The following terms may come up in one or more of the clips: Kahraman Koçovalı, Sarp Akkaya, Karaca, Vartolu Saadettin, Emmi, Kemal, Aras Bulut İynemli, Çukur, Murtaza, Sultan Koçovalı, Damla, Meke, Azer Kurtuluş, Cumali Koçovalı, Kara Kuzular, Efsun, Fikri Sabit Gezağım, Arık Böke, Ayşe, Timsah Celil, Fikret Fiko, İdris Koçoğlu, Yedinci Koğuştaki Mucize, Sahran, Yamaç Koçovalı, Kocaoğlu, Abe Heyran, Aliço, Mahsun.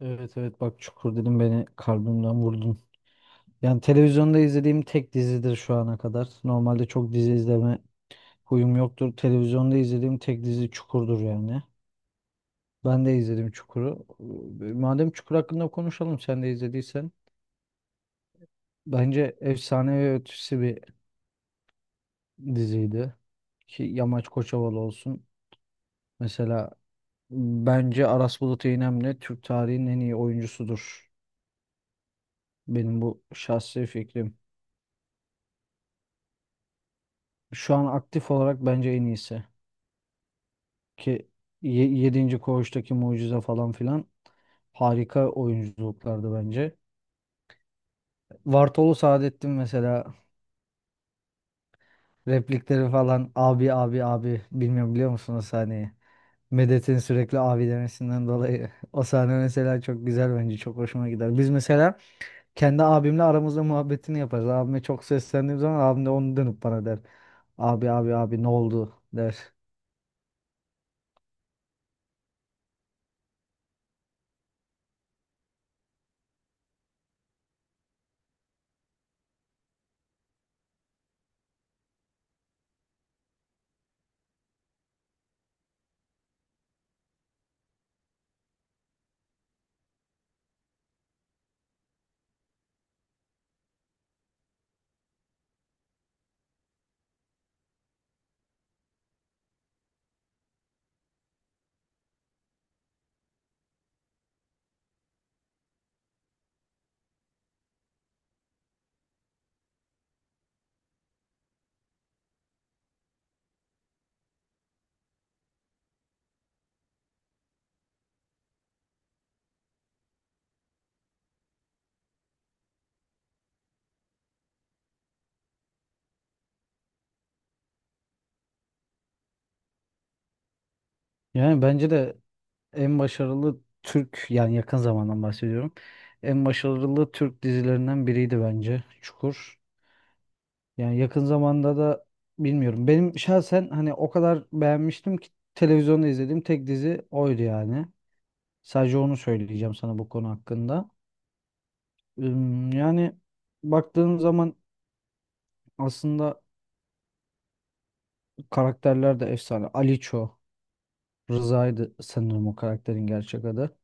Evet evet, bak Çukur dedim beni kalbimden vurdun. Yani televizyonda izlediğim tek dizidir şu ana kadar. Normalde çok dizi izleme huyum yoktur. Televizyonda izlediğim tek dizi Çukur'dur yani. Ben de izledim Çukur'u. Madem Çukur hakkında konuşalım sen de izlediysen. Bence efsane ve ötesi bir diziydi. Ki Yamaç Koçovalı olsun. Mesela bence Aras Bulut İynemli Türk tarihinin en iyi oyuncusudur. Benim bu şahsi fikrim. Şu an aktif olarak bence en iyisi. ki Yedinci koğuştaki mucize falan filan harika oyunculuklardı bence. Vartolu Saadettin mesela replikleri falan, abi abi abi, bilmiyorum biliyor musunuz o sahneyi? Medet'in sürekli abi demesinden dolayı o sahne mesela çok güzel, bence çok hoşuma gider. Biz mesela kendi abimle aramızda muhabbetini yaparız. Abime çok seslendiğim zaman abim de onu dönüp bana der. Abi abi abi ne oldu der. Yani bence de en başarılı Türk, yani yakın zamandan bahsediyorum. En başarılı Türk dizilerinden biriydi bence Çukur. Yani yakın zamanda da bilmiyorum. Benim şahsen hani o kadar beğenmiştim ki televizyonda izlediğim tek dizi oydu yani. Sadece onu söyleyeceğim sana bu konu hakkında. Yani baktığın zaman aslında karakterler de efsane. Aliço, Rıza'ydı sanırım o karakterin gerçek adı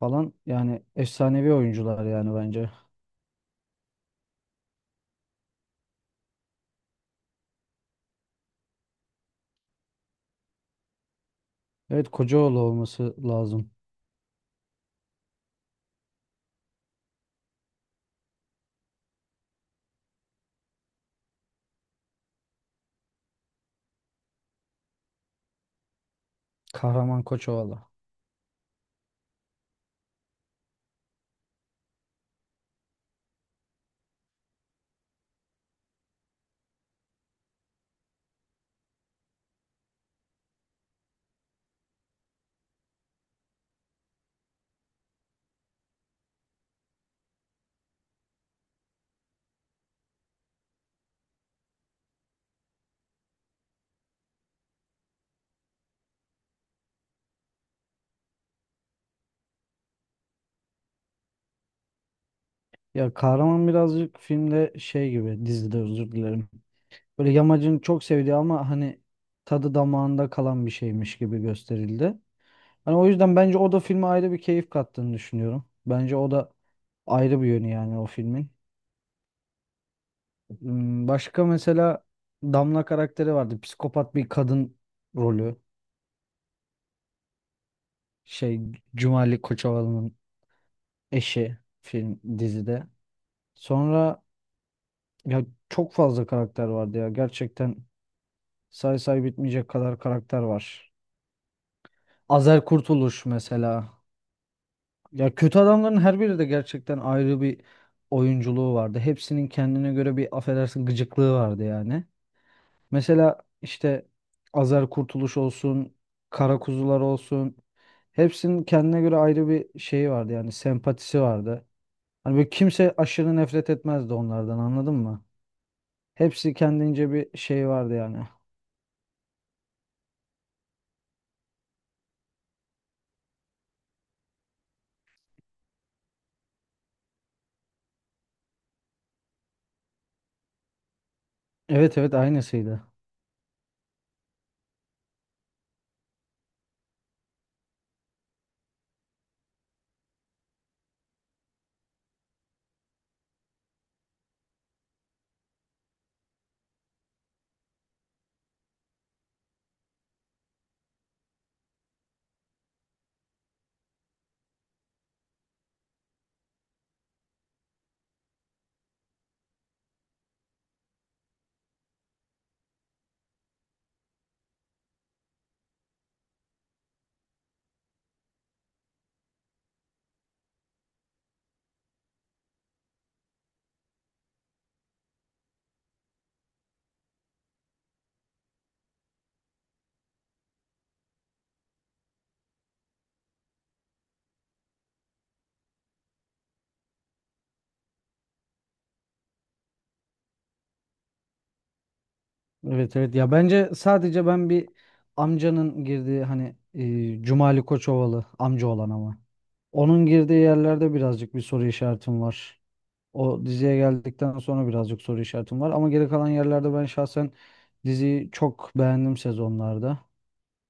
falan. Yani efsanevi oyuncular yani bence. Evet, Kocaoğlu olması lazım. Kahraman Koçovalı. Ya kahraman birazcık filmde şey gibi, dizide, özür dilerim. Böyle yamacın çok sevdiği ama hani tadı damağında kalan bir şeymiş gibi gösterildi. Hani o yüzden bence o da filme ayrı bir keyif kattığını düşünüyorum. Bence o da ayrı bir yönü yani o filmin. Başka mesela Damla karakteri vardı. Psikopat bir kadın rolü. Şey, Cumali Koçovalı'nın eşi film dizide. Sonra, ya çok fazla karakter vardı ya. Gerçekten say say bitmeyecek kadar karakter var. Azer Kurtuluş mesela. Ya kötü adamların her biri de gerçekten ayrı bir oyunculuğu vardı. Hepsinin kendine göre bir affedersin gıcıklığı vardı yani. Mesela işte Azer Kurtuluş olsun, Kara Kuzular olsun. Hepsinin kendine göre ayrı bir şeyi vardı yani, sempatisi vardı. Hani böyle kimse aşırı nefret etmezdi onlardan, anladın mı? Hepsi kendince bir şey vardı yani. Evet evet, aynısıydı. Evet evet, ya bence sadece ben bir amcanın girdiği, hani Cumali Koçovalı amca olan ama onun girdiği yerlerde birazcık bir soru işaretim var. O diziye geldikten sonra birazcık soru işaretim var ama geri kalan yerlerde ben şahsen diziyi çok beğendim sezonlarda.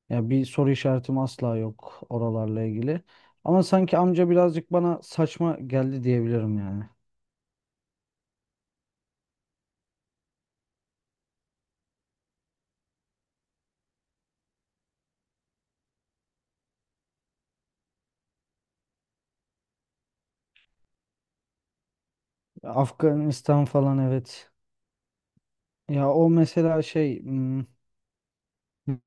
Ya bir soru işaretim asla yok oralarla ilgili. Ama sanki amca birazcık bana saçma geldi diyebilirim yani. Afganistan falan, evet. Ya o mesela şey,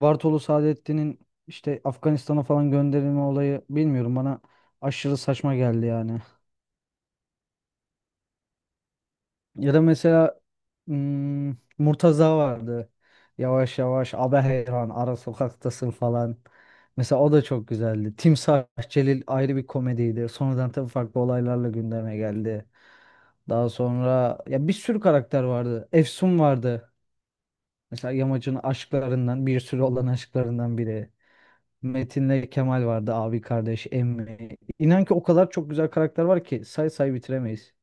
Bartolu Saadettin'in işte Afganistan'a falan gönderilme olayı, bilmiyorum, bana aşırı saçma geldi yani. Ya da mesela, hmm, Murtaza vardı. Yavaş yavaş Abe Heyran ara sokaktasın falan. Mesela o da çok güzeldi. Timsah Celil ayrı bir komediydi. Sonradan tabii farklı olaylarla gündeme geldi. Daha sonra ya bir sürü karakter vardı. Efsun vardı. Mesela Yamaç'ın aşklarından, bir sürü olan aşklarından biri. Metin'le Kemal vardı, abi kardeş, Emmi. İnan ki o kadar çok güzel karakter var ki say say bitiremeyiz.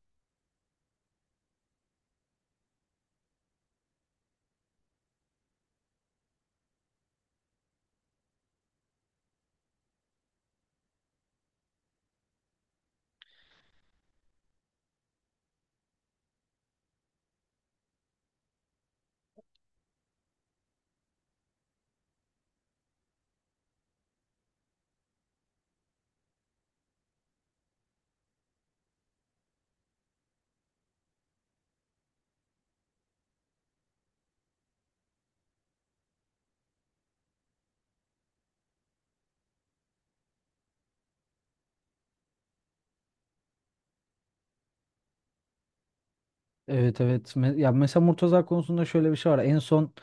Evet evet. Ya mesela Murtaza konusunda şöyle bir şey var. En son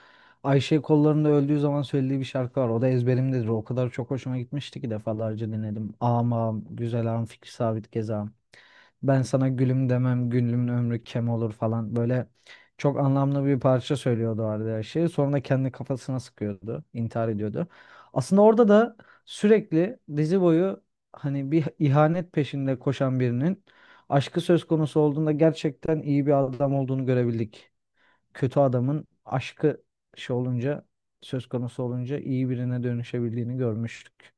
Ayşe kollarında öldüğü zaman söylediği bir şarkı var. O da ezberimdedir. O kadar çok hoşuma gitmişti ki defalarca dinledim. Ağam ağam, güzel ağam, Fikri Sabit Gezağım. Ben sana gülüm demem, gülümün ömrü kem olur falan. Böyle çok anlamlı bir parça söylüyordu orada her şeyi. Sonra da kendi kafasına sıkıyordu, intihar ediyordu. Aslında orada da sürekli dizi boyu hani bir ihanet peşinde koşan birinin aşkı söz konusu olduğunda gerçekten iyi bir adam olduğunu görebildik. Kötü adamın aşkı şey olunca, söz konusu olunca iyi birine dönüşebildiğini görmüştük.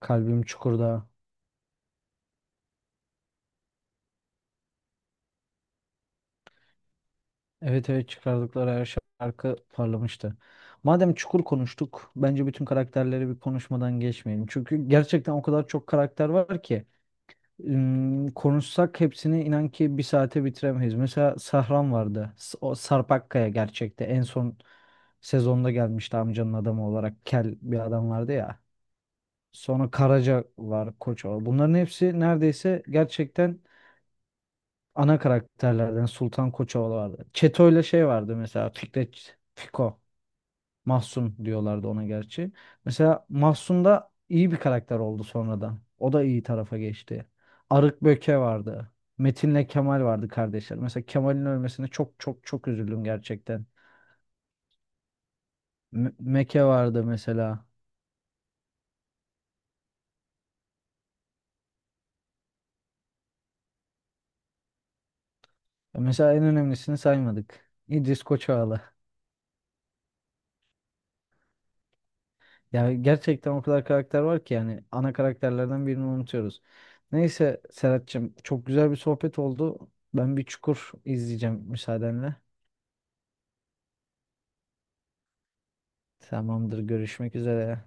Kalbim Çukur'da. Evet evet, çıkardıkları her şarkı parlamıştı. Madem Çukur konuştuk, bence bütün karakterleri bir konuşmadan geçmeyelim. Çünkü gerçekten o kadar çok karakter var ki. Konuşsak hepsini inan ki bir saate bitiremeyiz. Mesela Sahran vardı. O Sarp Akkaya gerçekte en son sezonda gelmişti amcanın adamı olarak. Kel bir adam vardı ya. Sonra Karaca var, Koçovalı. Bunların hepsi neredeyse gerçekten ana karakterlerden. Sultan Koçovalı vardı. Çeto'yla şey vardı mesela, Fikret Fiko. Mahsun diyorlardı ona gerçi. Mesela Mahsun da iyi bir karakter oldu sonradan. O da iyi tarafa geçti. Arık Böke vardı. Metin'le Kemal vardı, kardeşler. Mesela Kemal'in ölmesine çok çok çok üzüldüm gerçekten. Meke vardı mesela. Mesela en önemlisini saymadık. İdris Koçoğlu. Ya gerçekten o kadar karakter var ki yani ana karakterlerden birini unutuyoruz. Neyse Serhat'cığım, çok güzel bir sohbet oldu. Ben bir Çukur izleyeceğim müsaadenle. Tamamdır, görüşmek üzere.